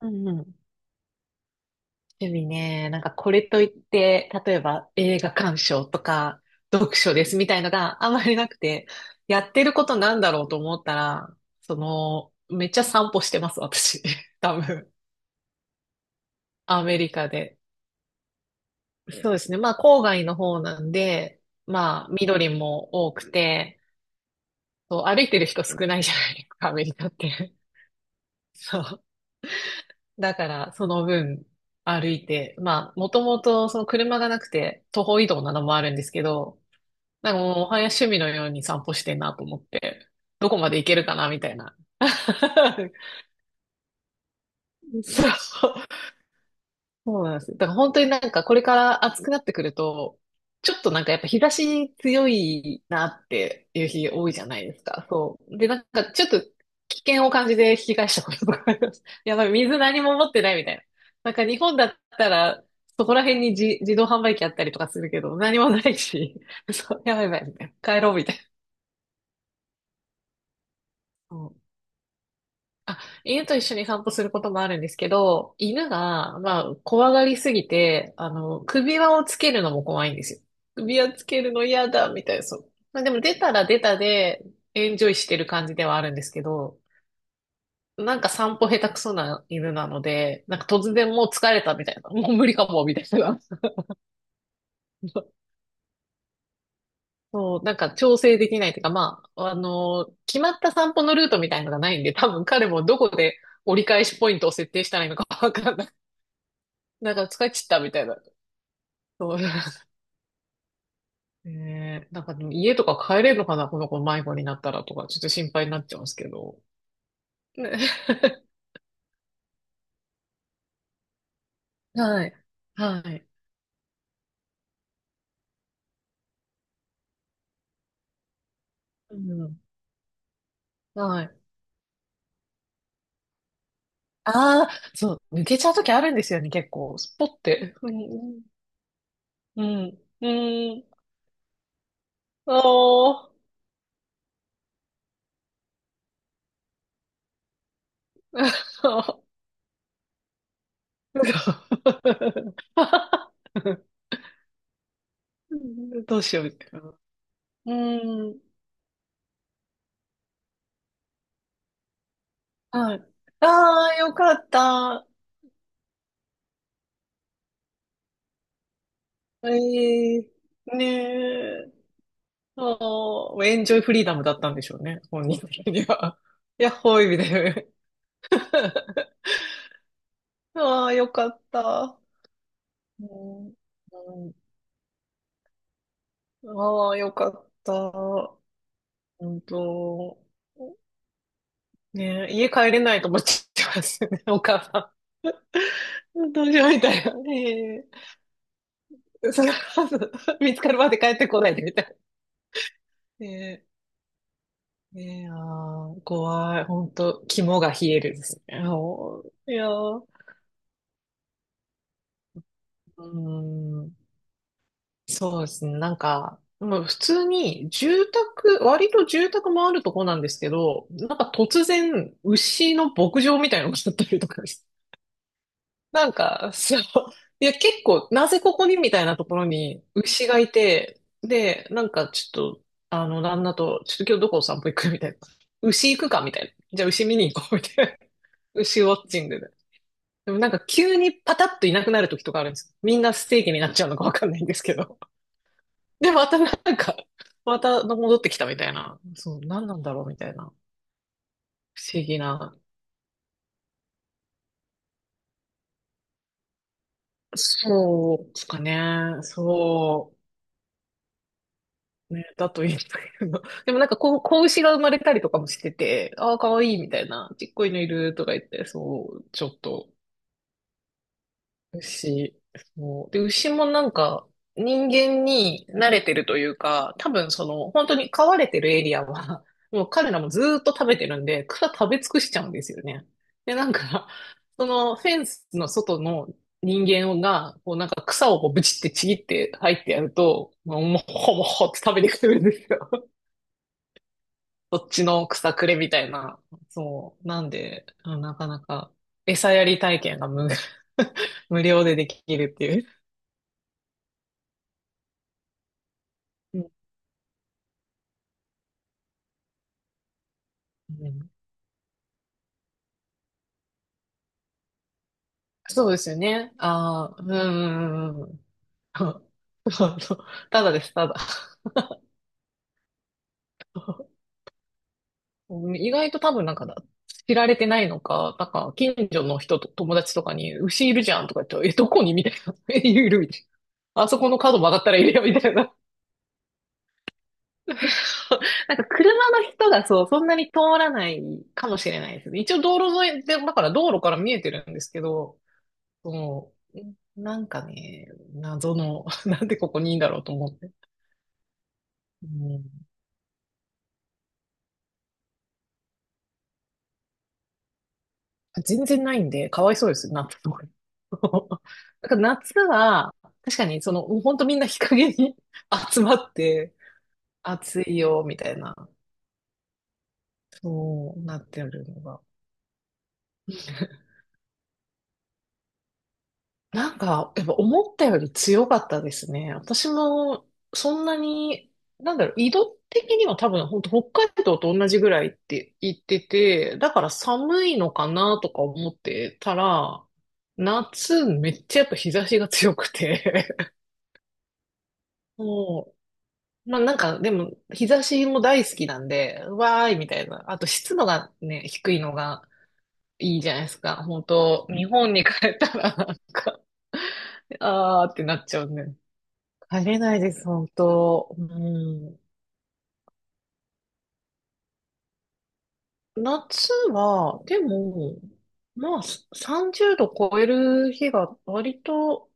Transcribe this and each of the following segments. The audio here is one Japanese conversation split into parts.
うんうん。趣味ね。なんかこれといって、例えば映画鑑賞とか読書ですみたいのがあまりなくて、やってることなんだろうと思ったら、その、めっちゃ散歩してます、私。多分。アメリカで。そうですね。まあ郊外の方なんで、まあ緑も多くて、そう、歩いてる人少ないじゃないですか、アメリカって。そう。だからその分、歩いて、まあ、もともとその車がなくて徒歩移動なのもあるんですけど、なんかもう、おはや趣味のように散歩してんなと思って、どこまで行けるかな、みたいな。そう、そうなんですよ。だから本当になんかこれから暑くなってくると、ちょっとなんかやっぱ日差し強いなっていう日多いじゃないですか。そう。で、なんかちょっと危険を感じて引き返したこととかあります。やばい、水何も持ってないみたいな。なんか日本だったら、そこら辺に自動販売機あったりとかするけど、何もないし、そう、やばいやばい、みたいな。帰ろうみたいな。あ、犬と一緒に散歩することもあるんですけど、犬が、まあ、怖がりすぎて、あの、首輪をつけるのも怖いんですよ。首輪つけるの嫌だ、みたいな、そう。まあ、でも出たら出たで、エンジョイしてる感じではあるんですけど、なんか散歩下手くそな犬なので、なんか突然もう疲れたみたいな、もう無理かも、みたいな。そう、なんか調整できないというか、まあ、あの、決まった散歩のルートみたいのがないんで、多分彼もどこで折り返しポイントを設定したらいいのかわかんないなんか疲れ切ったみたいな。そう。ねえなんかでも家とか帰れるのかなこの子迷子になったらとか、ちょっと心配になっちゃうんですけど。ね。 はい。はい。うん。はい。ああ、そう。抜けちゃうときあるんですよね、結構。スポって。うん。うん。うん。おー。そう。 どうしようみたいな。うん。はい。ああ、よかった。ええ。ねえ。ああ、エンジョイフリーダムだったんでしょうね、本人的には。やっほーいみたいな。ああ、よかった。うん、うん。ああ、よかった。本当。ねえ、家帰れないと思っちゃいますね、お母さん。どうしようみたいな。ねえ、それは。 見つかるまで帰ってこないでみたいな。ねえ、ねえ、ああ、怖い。本当、肝が冷えるですね。ああ。いやー。うーん、そうですね。なんか、もう普通に住宅、割と住宅もあるとこなんですけど、なんか突然牛の牧場みたいなのがあったりとかです。なんか、そう、いや結構、なぜここにみたいなところに牛がいて、で、なんかちょっと、あの、旦那と、ちょっと今日どこお散歩行くみたいな。牛行くかみたいな。じゃあ牛見に行こうみたいな。牛ウォッチングで。でもなんか急にパタッといなくなる時とかあるんです。みんなステーキになっちゃうのかわかんないんですけど。で、またなんか、また戻ってきたみたいな。そう、何なんだろうみたいな。不思議な。そうですかね。そう。ね、だといいんだけど。でもなんかこう、子牛が生まれたりとかもしてて、ああ、かわいいみたいな。ちっこいのいるとか言って、そう、ちょっと牛。そう。で、牛もなんか、人間に慣れてるというか、多分その、本当に飼われてるエリアは、もう彼らもずーっと食べてるんで、草食べ尽くしちゃうんですよね。で、なんか、そのフェンスの外の人間が、こうなんか草をこうブチってちぎって入ってやると、もうもほもほって食べてくるんですよ。そっちの草くれみたいな。そう。なんで、なかなか餌やり体験が無料でできるっていう。うんうん。そうですよね。ああ、うんうんうんうん。そう。ただです、ただ。うん。意外と多分なんかだ、知られてないのか、なんか近所の人と友達とかに、牛いるじゃんとか言って、え、どこにみたいな。え、いるみたいな。あそこの角曲がったらいるよみたいな。なんか車の人がそう、そんなに通らないかもしれないですね。一応道路沿いで、だから道路から見えてるんですけど、その、なんかね、謎の、なんでここにいいんだろうと思って。うん、全然ないんで、かわいそうです、夏とか。だから夏は、確かに、その、本当みんな日陰に。 集まって、暑いよ、みたいな、そうなってるのが。なんか、やっぱ思ったより強かったですね。私も、そんなに、なんだろう、緯度的には多分、本当北海道と同じぐらいって言ってて、だから寒いのかなとか思ってたら、夏めっちゃやっぱ日差しが強くて。そう。まあなんか、でも、日差しも大好きなんで、うわーいみたいな。あと湿度がね、低いのがいいじゃないですか。本当日本に帰ったら、なんか、あーってなっちゃうね。帰れないです、本当。うん。夏は、でも、まあ、30度超える日が割と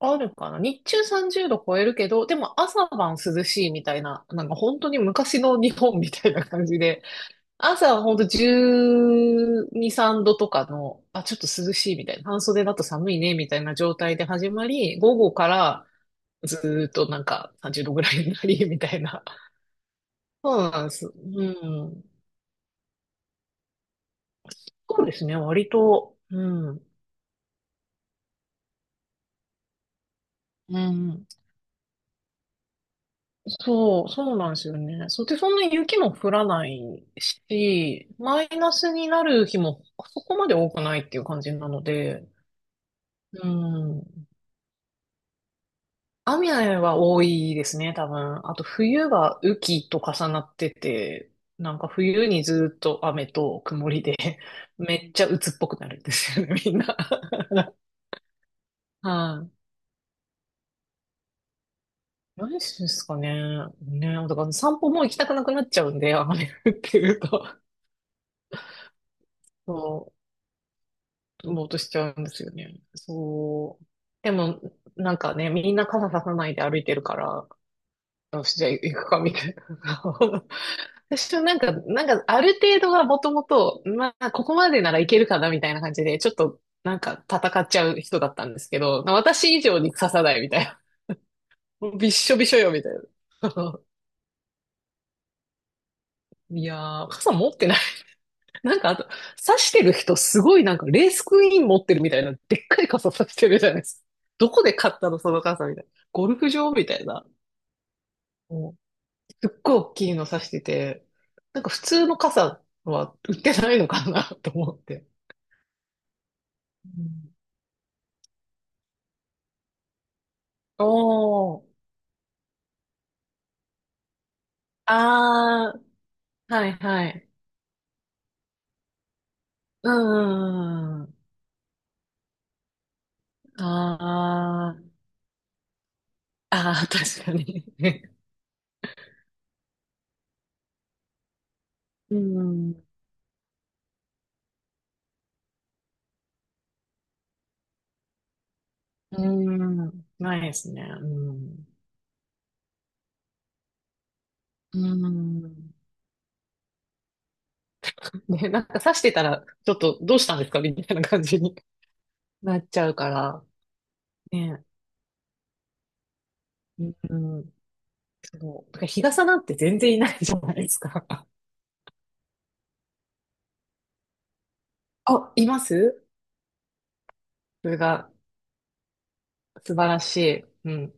あるかな。日中30度超えるけど、でも朝晩涼しいみたいな、なんか本当に昔の日本みたいな感じで、朝はほんと12、3度とかの、あ、ちょっと涼しいみたいな、半袖だと寒いねみたいな状態で始まり、午後からずーっとなんか30度ぐらいになり、みたいな。そうなんです。うん。そうですね、割と。うん。うん。そうなんですよね。そうで、そんなに雪も降らないし、マイナスになる日もそこまで多くないっていう感じなので、うん。雨は多いですね、多分。あと冬が雨季と重なってて、なんか冬にずっと雨と曇りで、めっちゃ鬱っぽくなるんですよね、みんな。はい。何ですかね。ね、だから散歩も行きたくなくなっちゃうんで、雨降ってると。そう、ぼーっとしちゃうんですよね。そう。でも、なんかね、みんな傘ささないで歩いてるから、よし、じゃあ行くか、みたいな。私はなんか、なんか、ある程度はもともと、まあ、ここまでならいけるかな、みたいな感じで、ちょっと、なんか、戦っちゃう人だったんですけど、私以上に刺さない、みたいな。もうびっしょびしょよ、みたいな。いやー、傘持ってない。なんか、あと、刺してる人、すごいなんか、レースクイーン持ってるみたいな、でっかい傘刺してるじゃないですか。どこで買ったの、その傘、みたいな。ゴルフ場みたいな。すっごい大きいの差してて、なんか普通の傘は売ってないのかな。 と思って。うん。おー、あー、はいはい。うん、うんうん、あー、あー、確かに。うん、うん、ないですね。うん、うん。で、なんか刺してたら、ちょっとどうしたんですかみたいな感じになっちゃうから。ね、うん、そう。だから日傘なんて全然いないじゃないですか。あ、います。それが素晴らしい。うん。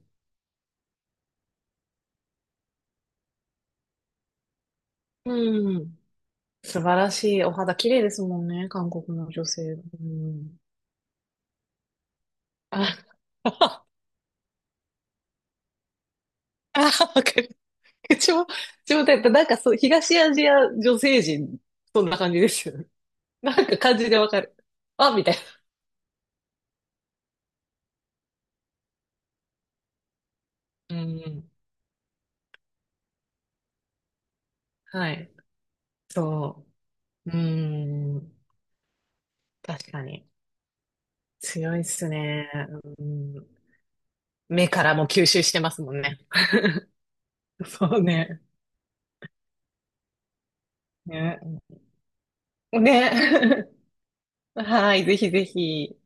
うん。素晴らしい。お肌綺麗ですもんね、韓国の女性。うん。あ、あ、わかる。うちょ、うちょ、だってなんかそう、東アジア女性陣、そんな感じですよね。なんか感じでわかる。あ、みたいな。うん。はい。そう。うん。確かに。強いっすね。うん。目からも吸収してますもんね。そうね。ね。ね。はい、ぜひぜひ。